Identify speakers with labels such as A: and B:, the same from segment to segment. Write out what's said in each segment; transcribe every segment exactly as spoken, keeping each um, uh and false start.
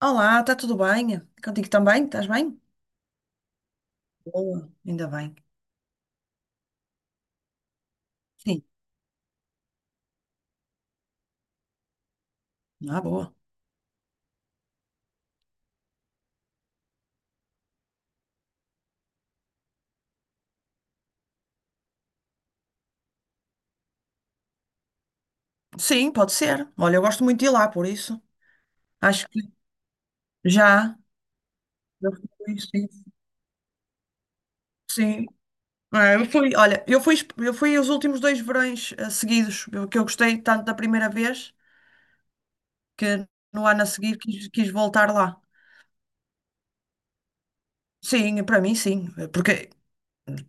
A: Olá, está tudo bem? Contigo também? Estás bem? Boa, ainda bem. Sim, ah, boa. Sim, pode ser. Olha, eu gosto muito de ir lá, por isso. Acho que já. Eu fui, sim. Sim. É, eu fui, olha, eu fui, eu fui os últimos dois verões eh, seguidos, que eu gostei tanto da primeira vez que no ano a seguir quis, quis voltar lá. Sim, para mim sim, porque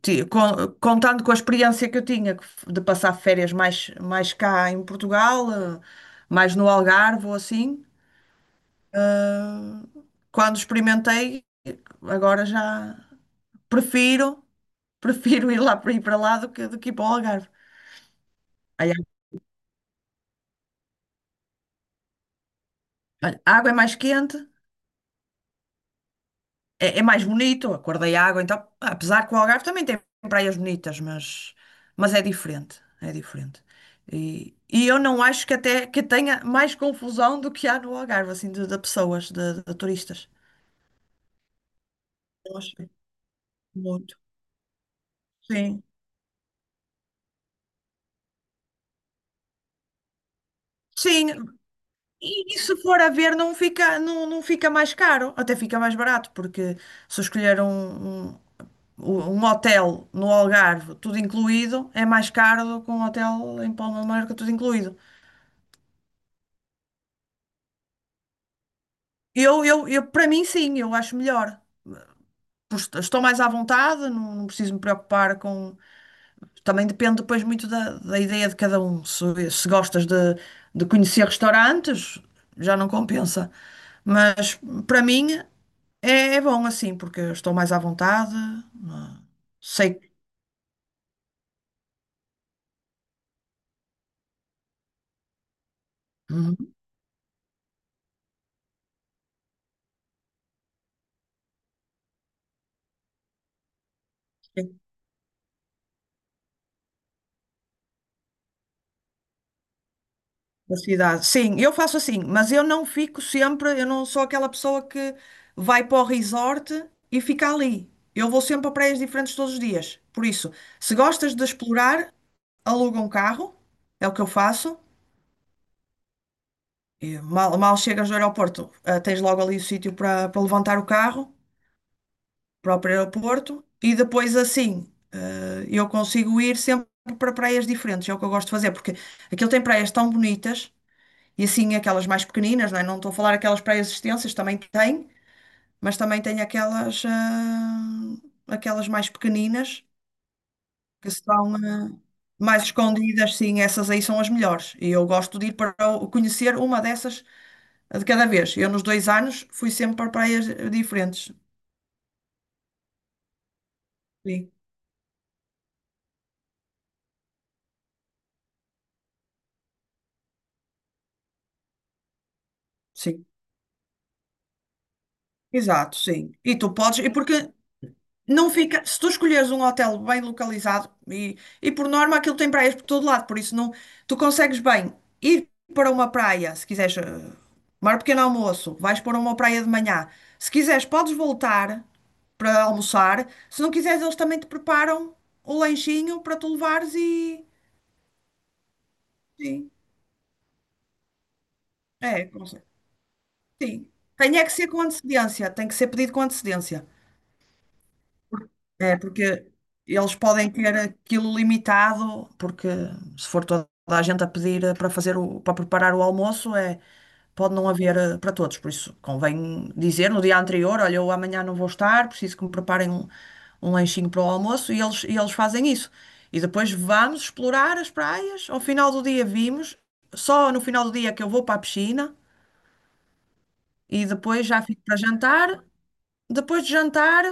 A: ti- con- contando com a experiência que eu tinha que f- de passar férias mais, mais cá em Portugal, eh, mais no Algarve ou assim. Quando experimentei, agora já prefiro, prefiro ir lá ir para lá do que, do que ir para o Algarve. Aí, olha, a água é mais quente, é, é mais bonito, a cor da água, então, apesar que o Algarve também tem praias bonitas, mas, mas é diferente, é diferente. E, e eu não acho que até que tenha mais confusão do que há no Algarve, assim, de, de pessoas, de, de turistas. Eu acho muito. Sim. Sim, e se for a ver, não fica, não, não fica mais caro, até fica mais barato, porque se eu escolher um, um, um hotel no Algarve, tudo incluído, é mais caro do que um hotel em Palma de Mallorca, tudo incluído. Eu, eu, eu, para mim, sim, eu acho melhor. Pois, estou mais à vontade, não, não preciso me preocupar com. Também depende depois muito da, da ideia de cada um. Se, se gostas de, de conhecer restaurantes, já não compensa. Mas para mim é, é bom assim, porque eu estou mais à vontade. não- é? Sei, que uhum, sei a cidade. Sim, eu faço assim, mas eu não fico sempre, eu não sou aquela pessoa que vai para o resort e fica ali. Eu vou sempre a praias diferentes todos os dias. Por isso, se gostas de explorar, aluga um carro, é o que eu faço. E mal, mal chegas do aeroporto, ah, tens logo ali o sítio para para levantar o carro, próprio aeroporto, e depois assim, ah, eu consigo ir sempre para praias diferentes, é o que eu gosto de fazer, porque aquilo tem praias tão bonitas, e assim aquelas mais pequeninas, não é? Não estou a falar aquelas praias extensas, também tem, mas também tem aquelas, ah, aquelas mais pequeninas, que são, ah, mais escondidas, sim, essas aí são as melhores, e eu gosto de ir para o- conhecer uma dessas de cada vez. Eu nos dois anos fui sempre para praias eh, diferentes. Sim, sim, exato, sim. E tu podes, e porque não fica, se tu escolheres um hotel bem localizado, e, e por norma aquilo tem praias por todo lado, por isso não, tu consegues bem ir para uma praia, se quiseres, eh, tomar um pequeno almoço, vais para uma praia de manhã. Se quiseres, podes voltar para almoçar. Se não quiseres, eles também te preparam o lanchinho para tu levares e. Sim, é, consegue. Sim, tem é que ser com antecedência, tem que ser pedido com antecedência. É, porque eles podem ter aquilo limitado, porque se for toda a gente a pedir eh, para fazer o, para preparar o almoço, é, pode não haver eh, para todos. Por isso, convém dizer no dia anterior, olha, eu amanhã não vou estar, preciso que me preparem um, um lanchinho para o almoço, e eles, e eles fazem isso. E depois vamos explorar as praias. Ao final do dia vimos, só no final do dia é que eu vou para a piscina e depois já fico para jantar. Depois de jantar,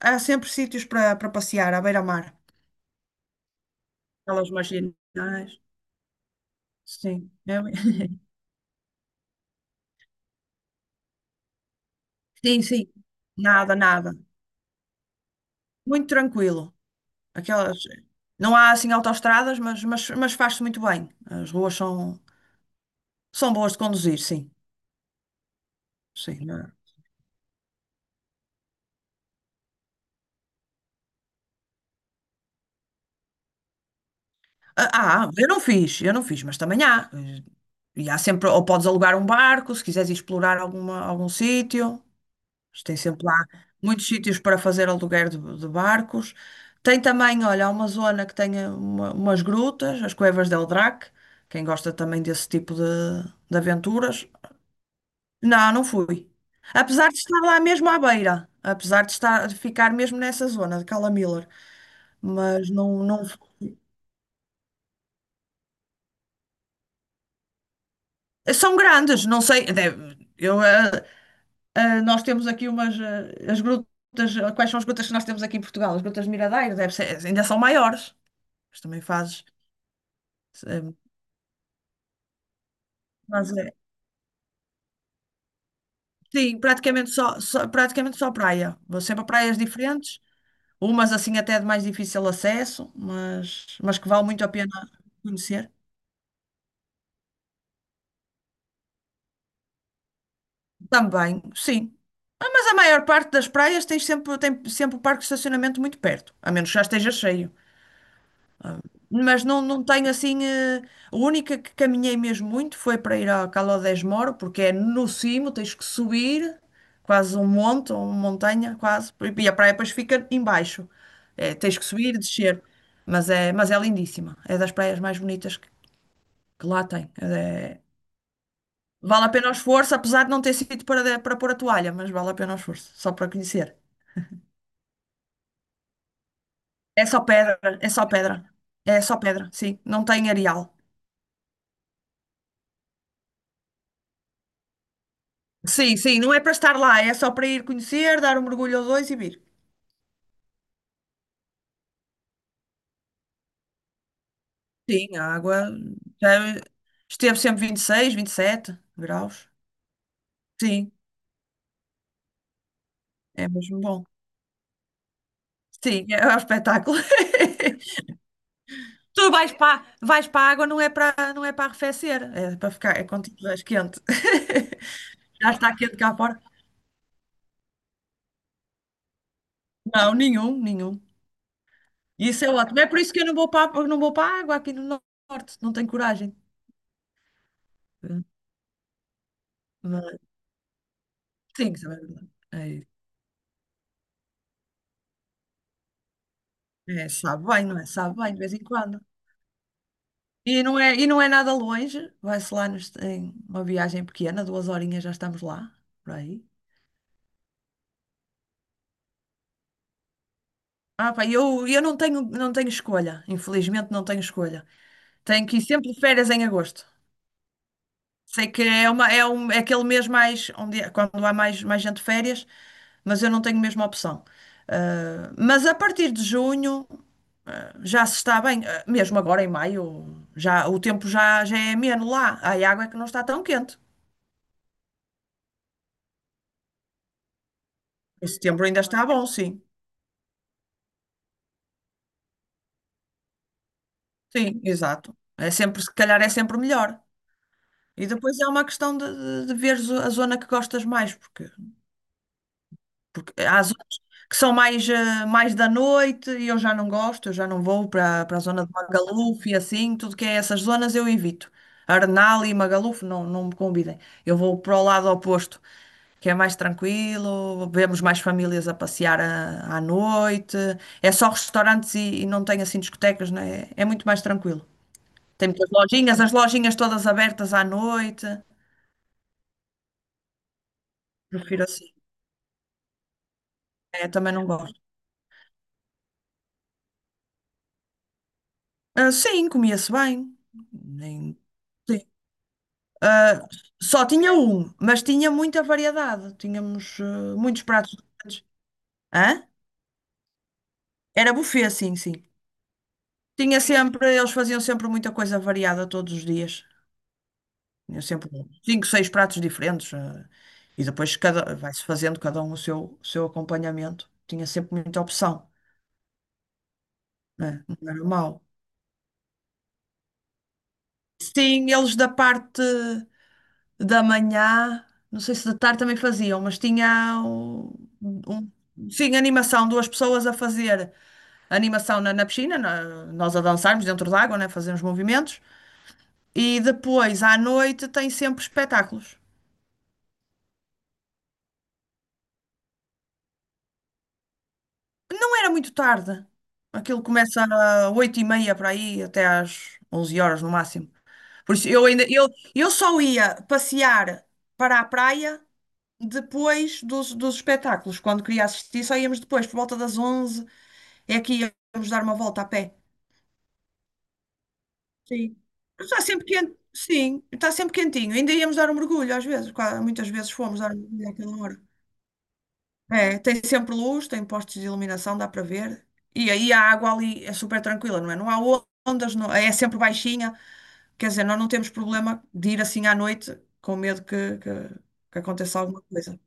A: há sempre sítios para para passear, à beira-mar. Aquelas marginais. Sim. é- Sim, sim. Nada, nada. Muito tranquilo. Aquelas... Não há assim autoestradas, mas, mas, mas faz-se muito bem. As ruas são, são boas de conduzir, sim. Sim. Não é? Ah, ah, eu não fiz, eu não fiz, mas também há. E há sempre, ou podes alugar um barco, se quiseres ir explorar alguma, algum sítio. Mas tem sempre lá muitos sítios para fazer aluguer de, de barcos. Tem também, olha, há uma zona que tem eh, uma- umas grutas, as Cuevas del Drac. Quem gosta também desse tipo de, de aventuras. Não, não fui. Apesar de estar lá mesmo à beira, apesar de estar, de ficar mesmo nessa zona de Cala Miller. Mas não, não. São grandes, não sei. Deve- eu, eh, eh, nós temos aqui umas, eh, as grutas. eh, Quais são as grutas que nós temos aqui em Portugal? As grutas de Miradouro, deve ser, ainda são maiores. Mas também fazes. eh, fazes, eh, sim, praticamente só, só- praticamente só praia. Vou sempre a praias diferentes, umas assim até de mais difícil acesso, mas, mas que vale muito a pena conhecer. Também, sim. Ah, mas a maior parte das praias tem sempre, tem sempre o parque de estacionamento muito perto, a menos que já esteja cheio. Mas não, não tenho assim. eh, A única que caminhei mesmo muito foi para ir ao Cala de Moro, porque é no cimo, tens que subir quase um monte, ou uma montanha, quase, e a praia depois fica embaixo. É, tens que subir e descer. Mas é, mas é lindíssima. É das praias mais bonitas que, que lá tem. É- vale a pena o esforço, apesar de não ter sítio para, de- para pôr a toalha, mas vale a pena o esforço, só para conhecer. É só pedra, é só pedra. É só pedra, sim. Não tem areal. Sim, sim, não é para estar lá, é só para ir conhecer, dar um mergulho ou dois e vir. Sim, a água já esteve sempre vinte e seis, sete graus. Sim, é mesmo bom. Sim, é um espetáculo. Tu vais para, vais para a água, não é para, não é para arrefecer, é para ficar, é quando estiveres quente. Já está quente cá fora? Não, nenhum, nenhum. Isso é ótimo. É por isso que eu não vou para, a- não vou para a água aqui no norte, não tenho coragem. Mas, sim, isso é verdade. É. É, sabe bem, não é? Sabe bem, de vez em quando. E não é, e não é nada longe, vai-se lá nos- em uma viagem pequena, duas horinhas já estamos lá, por aí. Ah, pá, eu, eu não tenho, não tenho escolha, infelizmente não tenho escolha. Tenho que ir sempre de férias em agosto. Sei que é, uma, é, um, é aquele mês mais, onde, é- quando há mais, mais gente de férias, mas eu não tenho mesmo opção. Ah, mas a partir de junho, ah, já se está bem. Ah, mesmo agora em maio, já, o tempo já, já é ameno lá, a água é que não está tão quente. Em setembro ainda está bom, sim. Sim, exato. É sempre, se calhar é sempre melhor. E depois é uma questão de, de, de veres a zona que gostas mais, porque. Porque há zonas que são mais, eh, mais da noite e eu já não gosto, eu já não vou para para a zona de Magaluf e assim, tudo que é essas zonas eu evito. Arnal e Magaluf não, não me convidem. Eu vou para o lado oposto, que é mais tranquilo, vemos mais famílias a passear à, à noite, é só restaurantes e, e não tem assim discotecas, né? É muito mais tranquilo. Tem muitas lojinhas, as lojinhas todas abertas à noite. Prefiro assim. É, também não gosto. Ah, sim, comia-se bem. Nem- sim. Ah, só tinha um, mas tinha muita variedade. Tínhamos ah, muitos pratos diferentes. Hã? Era buffet, sim, sim. Tinha sempre, eles faziam sempre muita coisa variada todos os dias. Tinha sempre um, cinco, seis pratos diferentes. Ah, e depois cada, vai-se fazendo cada um o seu, o seu acompanhamento. Tinha sempre muita opção, né? Não era mau. Sim, eles da parte. Da manhã, não sei se de tarde também faziam, mas tinha um, um- sim, animação, duas pessoas a fazer animação na, na piscina, na- nós a dançarmos dentro da água, né, fazermos movimentos, e depois à noite tem sempre espetáculos. Não era muito tarde, aquilo começa às oito e meia para aí, até às onze horas no máximo. Por isso eu ainda, eu, eu só ia passear para a praia depois dos, dos espetáculos, quando queria assistir, só íamos depois, por volta das onze. É aqui, vamos dar uma volta a pé. Sim. Está sempre quente, sim, está sempre quentinho. Ainda íamos dar um mergulho, às vezes, qua- muitas vezes fomos dar um mergulho àquela hora. É, tem sempre luz, tem postes de iluminação, dá para ver. E aí a água ali é super tranquila, não é? Não há ondas, não- é sempre baixinha. Quer dizer, nós não temos problema de ir assim à noite com medo que, que, que aconteça alguma coisa.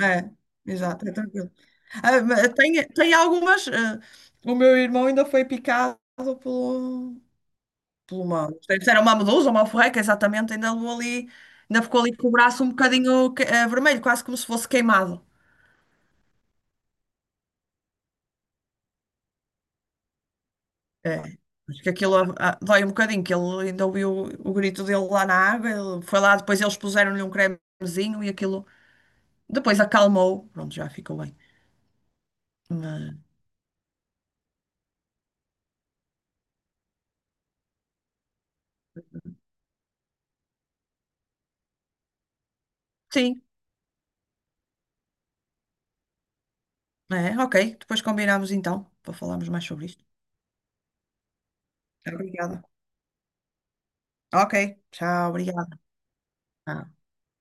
A: É, exato, é tranquilo. Ah, mas tem, tem algumas. Eh, o meu irmão ainda foi picado pelo, pelo uma, não sei se era uma medusa ou uma alforreca, exatamente, ainda levou ali, ainda ficou ali com o braço um bocadinho que- eh, vermelho, quase como se fosse queimado. É, acho que aquilo ah, ah, dói um bocadinho, que ele ainda ouviu o, o grito dele lá na água, ele foi lá, depois eles puseram-lhe um cremezinho e aquilo depois acalmou, pronto, já ficou bem. Mas, sim, é, ok, depois combinamos então, para falarmos mais sobre isto. Obrigada. Ok, tchau, obrigada. Tchau.